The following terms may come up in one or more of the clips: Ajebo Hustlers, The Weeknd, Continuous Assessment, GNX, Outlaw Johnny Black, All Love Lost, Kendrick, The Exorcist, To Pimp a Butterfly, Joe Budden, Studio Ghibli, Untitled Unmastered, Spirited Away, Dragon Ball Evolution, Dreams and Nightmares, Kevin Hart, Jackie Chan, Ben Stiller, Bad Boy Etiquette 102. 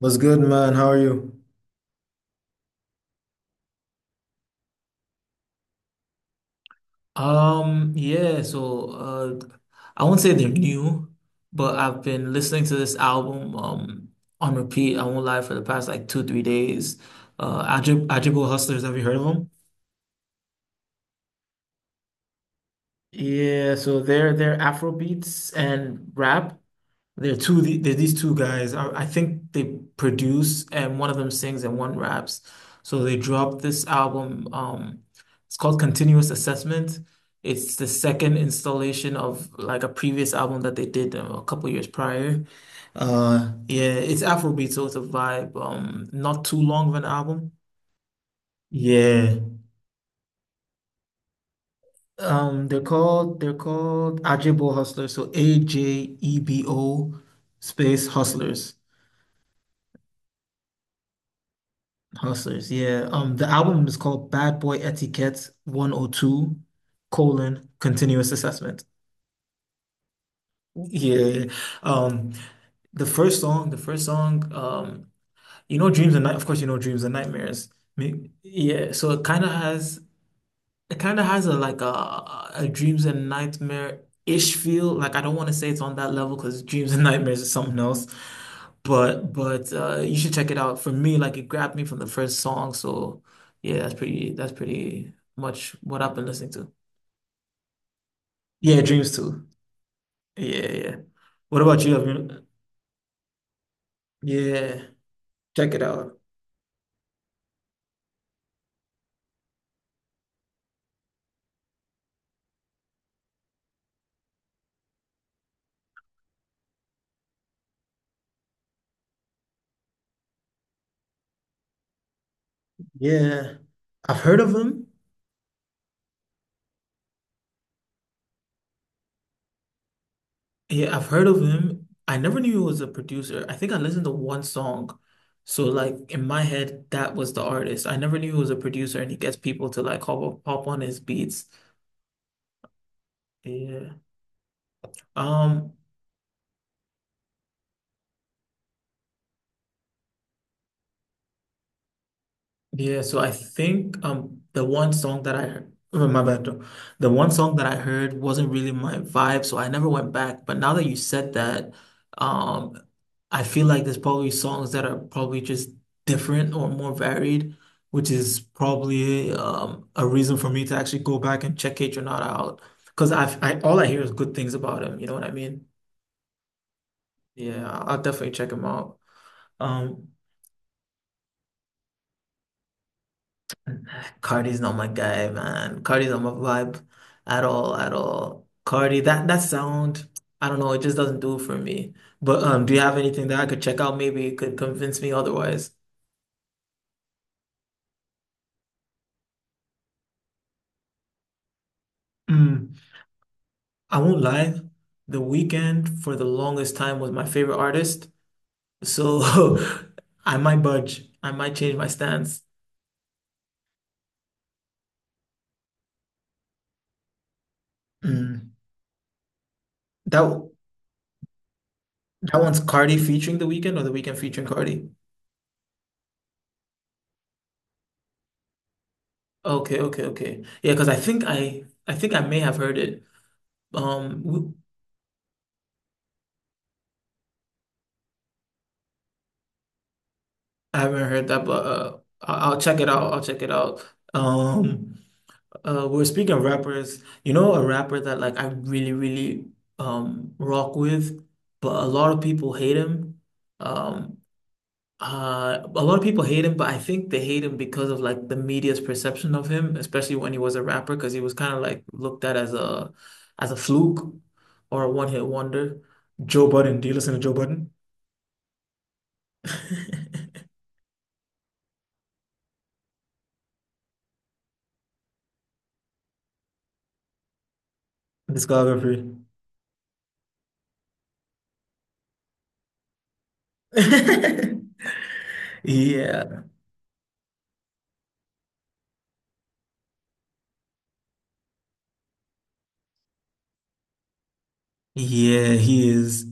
What's good, man? How are you? Yeah, so I won't say they're new, but I've been listening to this album on repeat, I won't lie, for the past like two, 3 days. Ajibbo Hustlers, have you heard of them? Yeah, so they're Afro beats and rap. There are these two guys. I think they produce and one of them sings and one raps. So they dropped this album. It's called Continuous Assessment. It's the second installation of like a previous album that they did a couple years prior. Yeah, it's Afrobeat, so it's a vibe. Not too long of an album. Yeah. They're called Ajebo Hustlers, so Ajebo space Hustlers. Hustlers, yeah. The album is called Bad Boy Etiquette 102 colon continuous assessment. Yeah. Yeah, yeah. Um, the first song, you know Dreams and Night, of course you know Dreams and Nightmares. Yeah, so it kind of has a like a dreams and nightmare-ish feel. Like I don't want to say it's on that level because dreams and nightmares is something else. But you should check it out. For me, like it grabbed me from the first song. So yeah, that's pretty much what I've been listening to. Yeah, dreams too. Yeah, yeah. What about you? Have you- Yeah, check it out. Yeah, I've heard of him. Yeah, I've heard of him. I never knew he was a producer. I think I listened to one song. So like in my head, that was the artist. I never knew he was a producer and he gets people to like hop on his beats. Yeah. Um, Yeah, so I think the one song that I heard, oh, my bad, though. The one song that I heard wasn't really my vibe, so I never went back. But now that you said that, um, I feel like there's probably songs that are probably just different or more varied, which is probably a reason for me to actually go back and check not out because I've I all I hear is good things about him. You know what I mean? Yeah, I'll definitely check him out. Um. Cardi's not my guy, man. Cardi's not my vibe at all, at all. Cardi, that that sound, I don't know, it just doesn't do it for me. But do you have anything that I could check out? Maybe it could convince me otherwise. Mm, I won't lie. The Weeknd for the longest time was my favorite artist, so I might budge. I might change my stance. Mm. That that one's Cardi featuring The Weeknd or The Weeknd featuring Cardi? Okay, okay, okay. Yeah, because I think I may have heard it. Um, w- I haven't heard that, but I'll check it out. I'll check it out. Um, we're speaking of rappers. You know, a rapper that like I really, really rock with, but a lot of people hate him. Um, a lot of people hate him, but I think they hate him because of like the media's perception of him, especially when he was a rapper, because he was kind of like looked at as a fluke or a one hit wonder. Joe Budden. Do you listen to Joe Budden? Discography. Yeah, yeah, he is.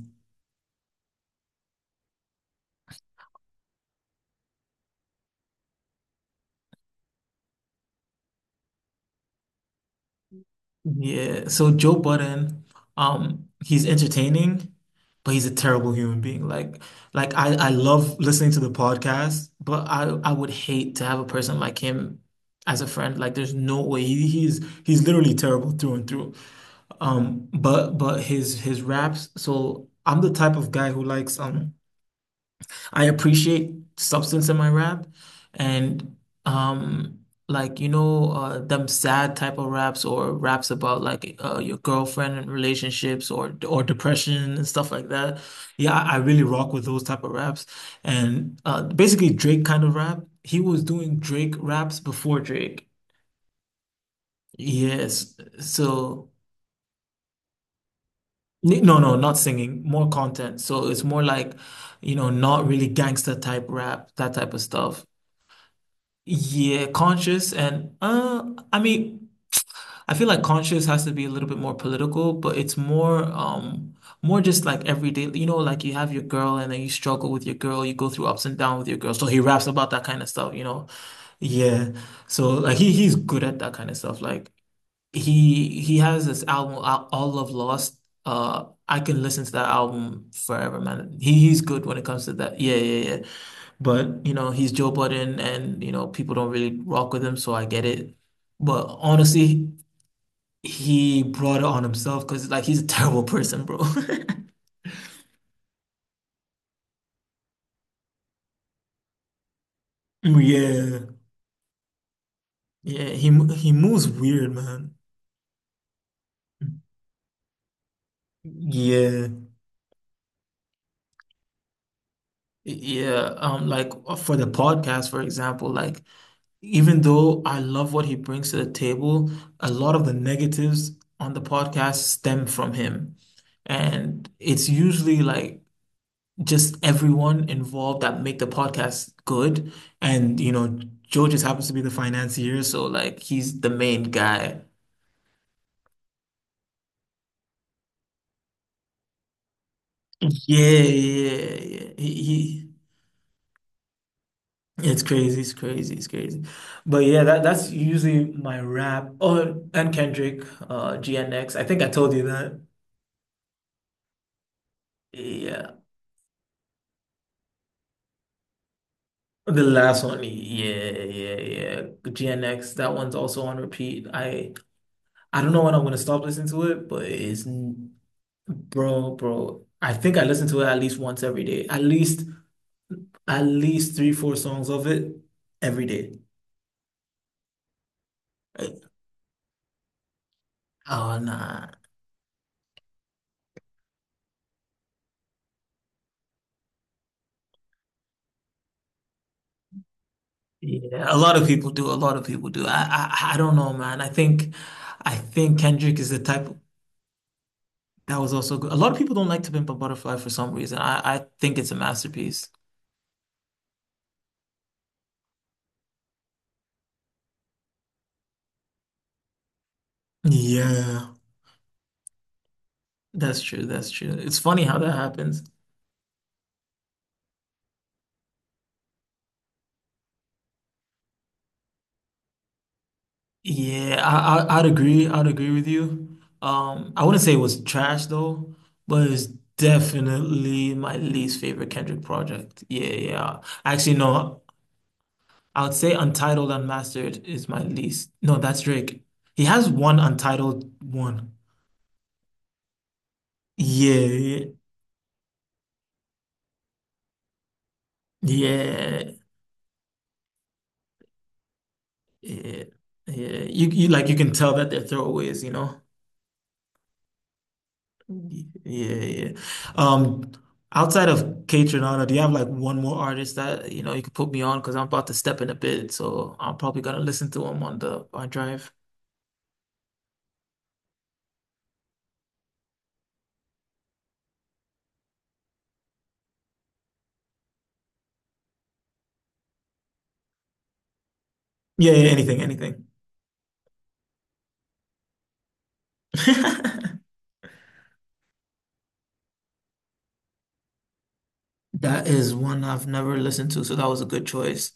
Yeah. So Joe Budden, he's entertaining, but he's a terrible human being. Like, I love listening to the podcast, but I would hate to have a person like him as a friend. Like, there's no way he's literally terrible through and through. But his raps. So I'm the type of guy who likes I appreciate substance in my rap and um like them sad type of raps or raps about like your girlfriend and relationships or depression and stuff like that. Yeah, I really rock with those type of raps. And basically Drake kind of rap. He was doing Drake raps before Drake. Yes. So no, no, not singing, more content. So it's more like, not really gangster type rap, that type of stuff. Yeah, conscious and I mean I feel like conscious has to be a little bit more political, but it's more just like everyday, you know, like you have your girl and then you struggle with your girl, you go through ups and downs with your girl. So he raps about that kind of stuff, you know. Yeah. So like he's good at that kind of stuff. Like he has this album All Love Lost. I can listen to that album forever, man. He's good when it comes to that. Yeah, yeah, yeah. But, you know, he's Joe Budden and, you know, people don't really rock with him, so I get it. But honestly, he brought it on himself because, like, he's a terrible person, bro. Yeah. Yeah, he moves weird, man. Yeah. Yeah, like for the podcast, for example, like even though I love what he brings to the table, a lot of the negatives on the podcast stem from him. And it's usually like just everyone involved that make the podcast good. And you know, Joe just happens to be the financier, so like he's the main guy. Yeah, yeah, yeah. Yeah. It's crazy, it's crazy, it's crazy. But yeah, that's usually my rap. Oh, and Kendrick, GNX. I think I told you that. Yeah. The last one, yeah, yeah, yeah. GNX, that one's also on repeat. I don't know when I'm gonna stop listening to it, but it's. Bro, bro. I think I listen to it at least once every day. At least three, four songs of it every day. Uh, Oh nah. Yeah, a lot of people do. A lot of people do. I don't know, man. I think Kendrick is the type that was also good. A lot of people don't like To Pimp a Butterfly for some reason. I think it's a masterpiece. Yeah, that's true. That's true. It's funny how that happens. Yeah, I'd agree. I'd agree with you. I wouldn't say it was trash though, but it's definitely my least favorite Kendrick project. Yeah, yeah. Actually, no, I would say Untitled Unmastered is my least. No, that's Drake. He has one Untitled one. Yeah, yeah, yeah, yeah. You like you can tell that they're throwaways, you know? Yeah, yeah. Um, Outside of Kate Renata, do you have like one more artist that you know you could put me on? Because I'm about to step in a bit, so I'm probably gonna listen to him on the on drive. Yeah, yeah, anything, anything. That is one I've never listened to, so that was a good choice.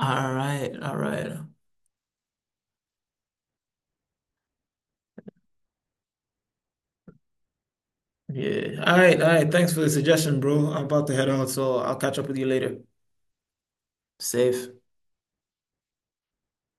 All right, all right. Yeah. All right, all right. Thanks for the suggestion, bro. I'm about to head out, so I'll catch up with you later. Safe.